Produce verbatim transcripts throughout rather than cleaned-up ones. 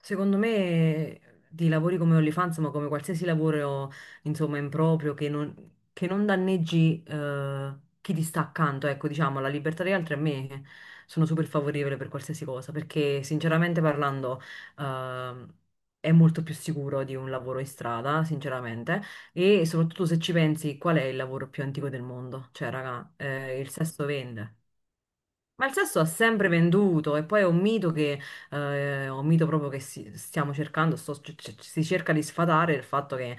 Secondo me di lavori come OnlyFans, ma come qualsiasi lavoro, insomma, improprio, che non, che non danneggi eh, chi ti sta accanto, ecco, diciamo, la libertà degli altri. A me sono super favorevole per qualsiasi cosa, perché sinceramente parlando ehm, è molto più sicuro di un lavoro in strada, sinceramente. E soprattutto, se ci pensi, qual è il lavoro più antico del mondo? Cioè, raga, eh, il sesso vende. Ma il sesso ha sempre venduto. E poi è un mito che, eh, è un mito proprio che si- stiamo cercando, sto- c- c- si cerca di sfatare il fatto che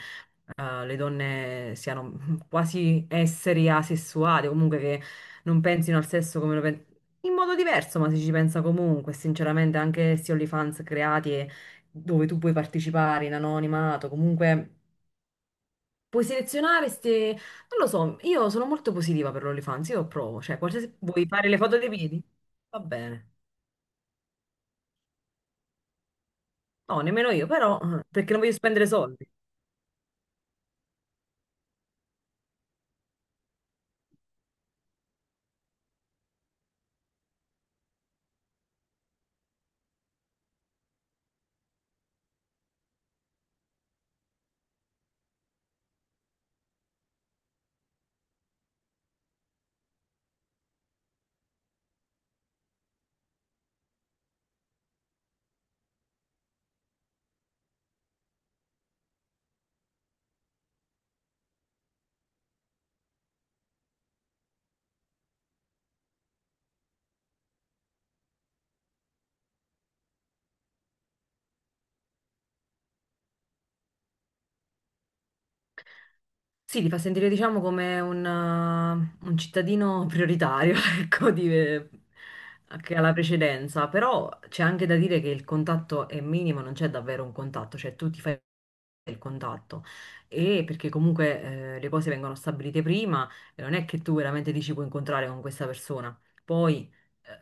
eh, le donne siano quasi esseri asessuali, o comunque che non pensino al sesso, come lo pensano, in modo diverso, ma si ci pensa comunque. Sinceramente anche questi OnlyFans creati e dove tu puoi partecipare in anonimato, comunque puoi selezionare queste, non lo so, io sono molto positiva per l'OnlyFans. Io provo, cioè qualsiasi, vuoi fare le foto dei piedi? Va bene. No, nemmeno io, però, eh, perché non voglio spendere soldi. Sì, ti fa sentire, diciamo, come un, eh, un cittadino prioritario, ecco, di- eh, che ha la precedenza. Però c'è anche da dire che il contatto è minimo, non c'è davvero un contatto, cioè tu ti fai il contatto, e perché comunque eh, le cose vengono stabilite prima e non è che tu veramente dici puoi incontrare con questa persona. Poi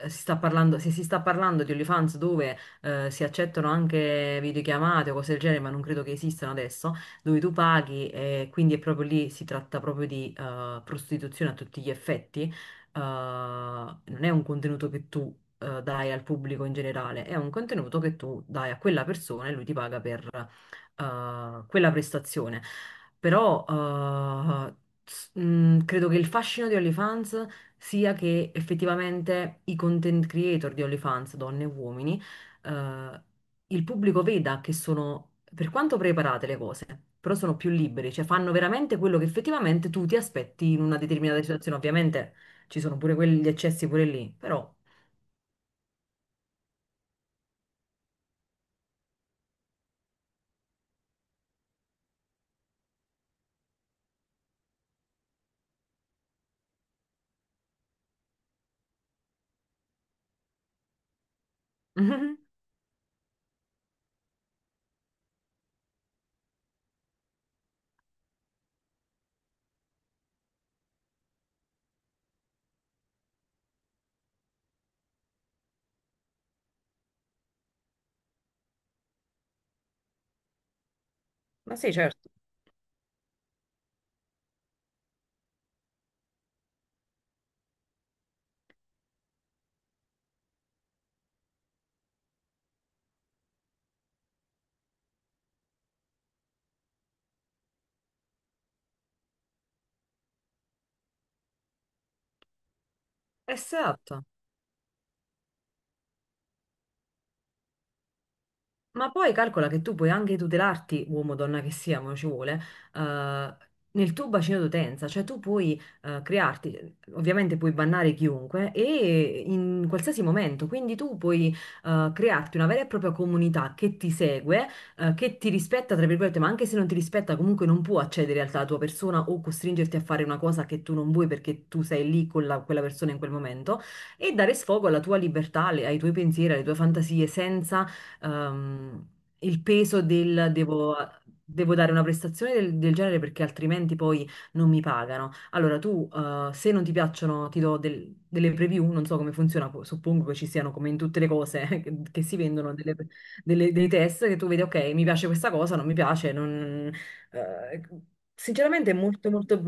eh, si sta parlando, se si sta parlando di OnlyFans dove eh, si accettano anche videochiamate o cose del genere, ma non credo che esistano adesso dove tu paghi, e quindi è proprio lì, si tratta proprio di eh, prostituzione a tutti gli effetti. Eh, non è un contenuto che tu eh, dai al pubblico in generale, è un contenuto che tu dai a quella persona e lui ti paga per eh, quella prestazione. Però eh, s- mh, credo che il fascino di OnlyFans sia che effettivamente i content creator di OnlyFans, donne e uomini, eh, il pubblico veda che sono, per quanto preparate le cose, però sono più liberi, cioè fanno veramente quello che effettivamente tu ti aspetti in una determinata situazione. Ovviamente ci sono pure quelli, gli eccessi pure lì, però. Mhm. Ma sì, certo. Esatto. Ma poi calcola che tu puoi anche tutelarti, uomo o donna che sia, ma ci vuole, eh, nel tuo bacino d'utenza, cioè tu puoi eh, crearti, ovviamente puoi bannare chiunque e in qualsiasi momento, quindi tu puoi eh, crearti una vera e propria comunità che ti segue, eh, che ti rispetta, tra virgolette. Ma anche se non ti rispetta comunque non può accedere alla tua persona o costringerti a fare una cosa che tu non vuoi, perché tu sei lì con la- quella persona in quel momento, e dare sfogo alla tua libertà, alle- ai tuoi pensieri, alle tue fantasie, senza ehm, il peso del devo, devo dare una prestazione del, del genere, perché altrimenti poi non mi pagano. Allora tu, eh, se non ti piacciono, ti do del- delle preview, non so come funziona, po- suppongo che ci siano come in tutte le cose che, che si vendono, delle- delle- dei test che tu vedi: ok, mi piace questa cosa, non mi piace, non. eh, Sinceramente è molto, molto.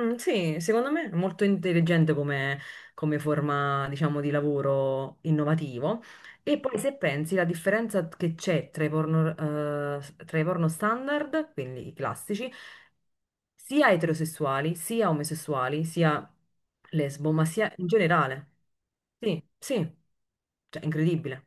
Mm, sì, secondo me è molto intelligente come come forma, diciamo, di lavoro innovativo. E poi se pensi la differenza che c'è tra i porno, eh, tra i porno standard, quindi i classici, sia eterosessuali, sia omosessuali, sia lesbo, ma sia in generale. Sì, sì, cioè è incredibile.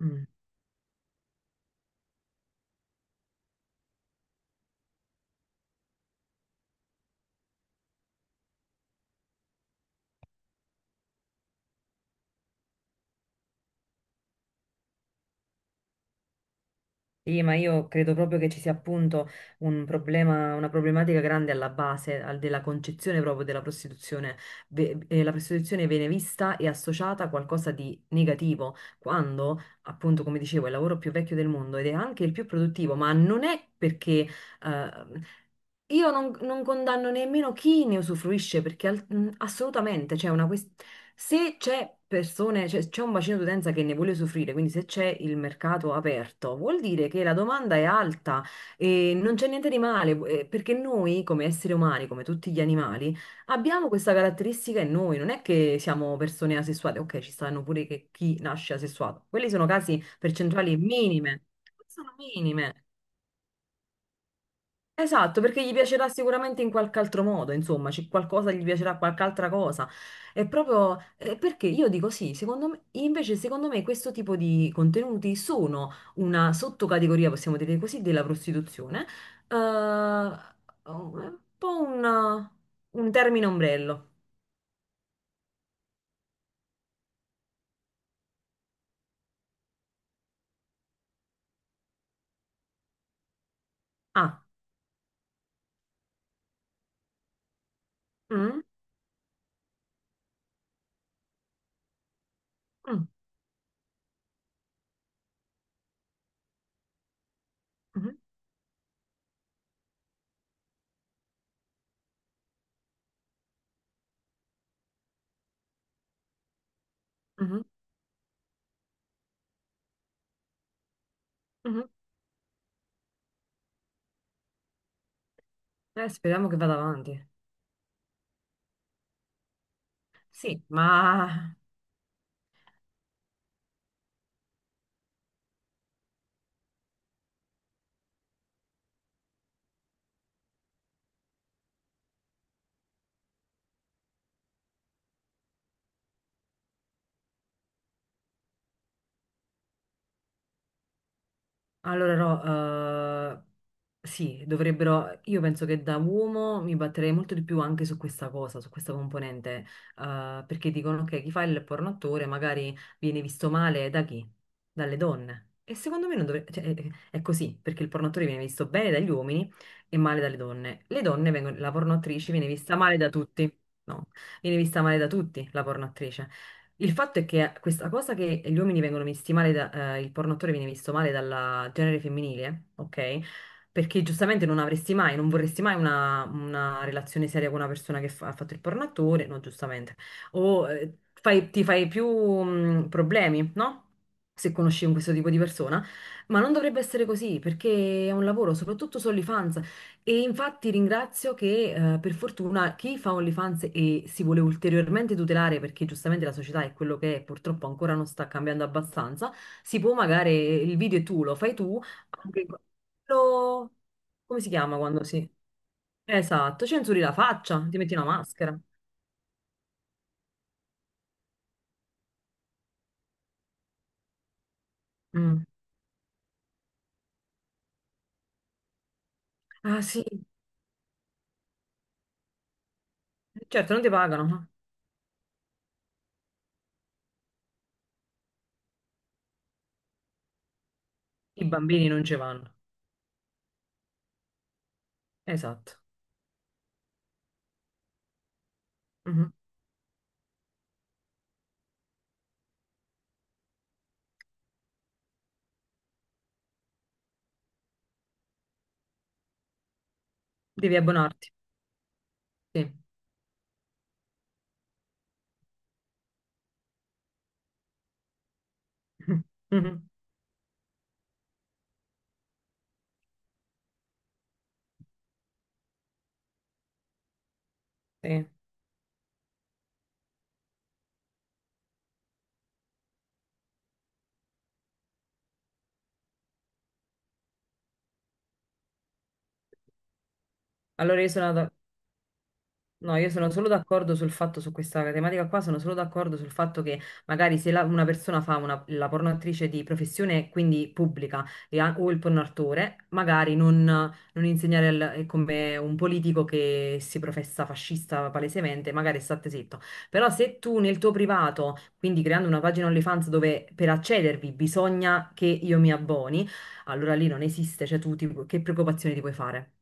Mm. Sì, ma io credo proprio che ci sia appunto un problema, una problematica grande alla base, al- della concezione proprio della prostituzione. Ve- eh, la prostituzione viene vista e associata a qualcosa di negativo, quando appunto, come dicevo, è il lavoro più vecchio del mondo ed è anche il più produttivo, ma non è perché. Ehm, io non, non condanno nemmeno chi ne usufruisce, perché al- mh, assolutamente c'è una questione. Se c'è persone, cioè, c'è un bacino d'utenza che ne vuole usufruire, quindi se c'è il mercato aperto, vuol dire che la domanda è alta e non c'è niente di male, eh, perché noi come esseri umani, come tutti gli animali, abbiamo questa caratteristica in noi. Non è che siamo persone asessuate, ok, ci stanno pure che chi nasce asessuato, quelli sono casi percentuali minime, sono minime. Esatto, perché gli piacerà sicuramente in qualche altro modo, insomma, c'è qualcosa, gli piacerà qualche altra cosa. È proprio eh, perché io dico sì, secondo me, invece secondo me questo tipo di contenuti sono una sottocategoria, possiamo dire così, della prostituzione, eh, un po' un, un termine ombrello. Ah, mm, mm, mhm, mhm, mhm. Eh, speriamo che vada avanti. Sì, ma. Allora no, eh, sì, dovrebbero, io penso che da uomo mi batterei molto di più anche su questa cosa, su questa componente, eh, perché dicono che chi fa il pornoattore magari viene visto male da chi? Dalle donne. E secondo me non dovrebbe, cioè, è, è così, perché il pornoattore viene visto bene dagli uomini e male dalle donne. Le donne vengono, la pornoattrice viene vista male da tutti, no, viene vista male da tutti la pornoattrice. Il fatto è che questa cosa che gli uomini vengono visti male, da- eh, il porno attore viene visto male dal genere femminile, ok? Perché giustamente non avresti mai, non vorresti mai una, una relazione seria con una persona che fa- ha fatto il porno attore, no, giustamente. O eh, fai- ti fai più mh, problemi, no? Se conosci un questo tipo di persona, ma non dovrebbe essere così perché è un lavoro, soprattutto su OnlyFans. E infatti ringrazio che eh, per fortuna chi fa OnlyFans e si vuole ulteriormente tutelare, perché giustamente la società è quello che è, purtroppo ancora non sta cambiando abbastanza, si può magari, il video è tu, lo fai tu, anche lo. Come si chiama quando si. Esatto, censuri la faccia, ti metti una maschera. Mm. Ah sì, certo non ti pagano, ma i bambini non ci vanno. Esatto. Mhm. Devi abbonarti, sì. Mhm. Sì. Allora io sono... No, io sono solo d'accordo sul fatto, su questa tematica qua, sono solo d'accordo sul fatto che magari se la- una persona fa una, la pornoattrice di professione, quindi pubblica, e ha- o il pornoautore, magari non, non, insegnare, al- è come un politico che si professa fascista palesemente, magari state zitto. Però se tu nel tuo privato, quindi creando una pagina OnlyFans dove per accedervi bisogna che io mi abboni, allora lì non esiste, cioè tu ti- che preoccupazioni ti puoi fare?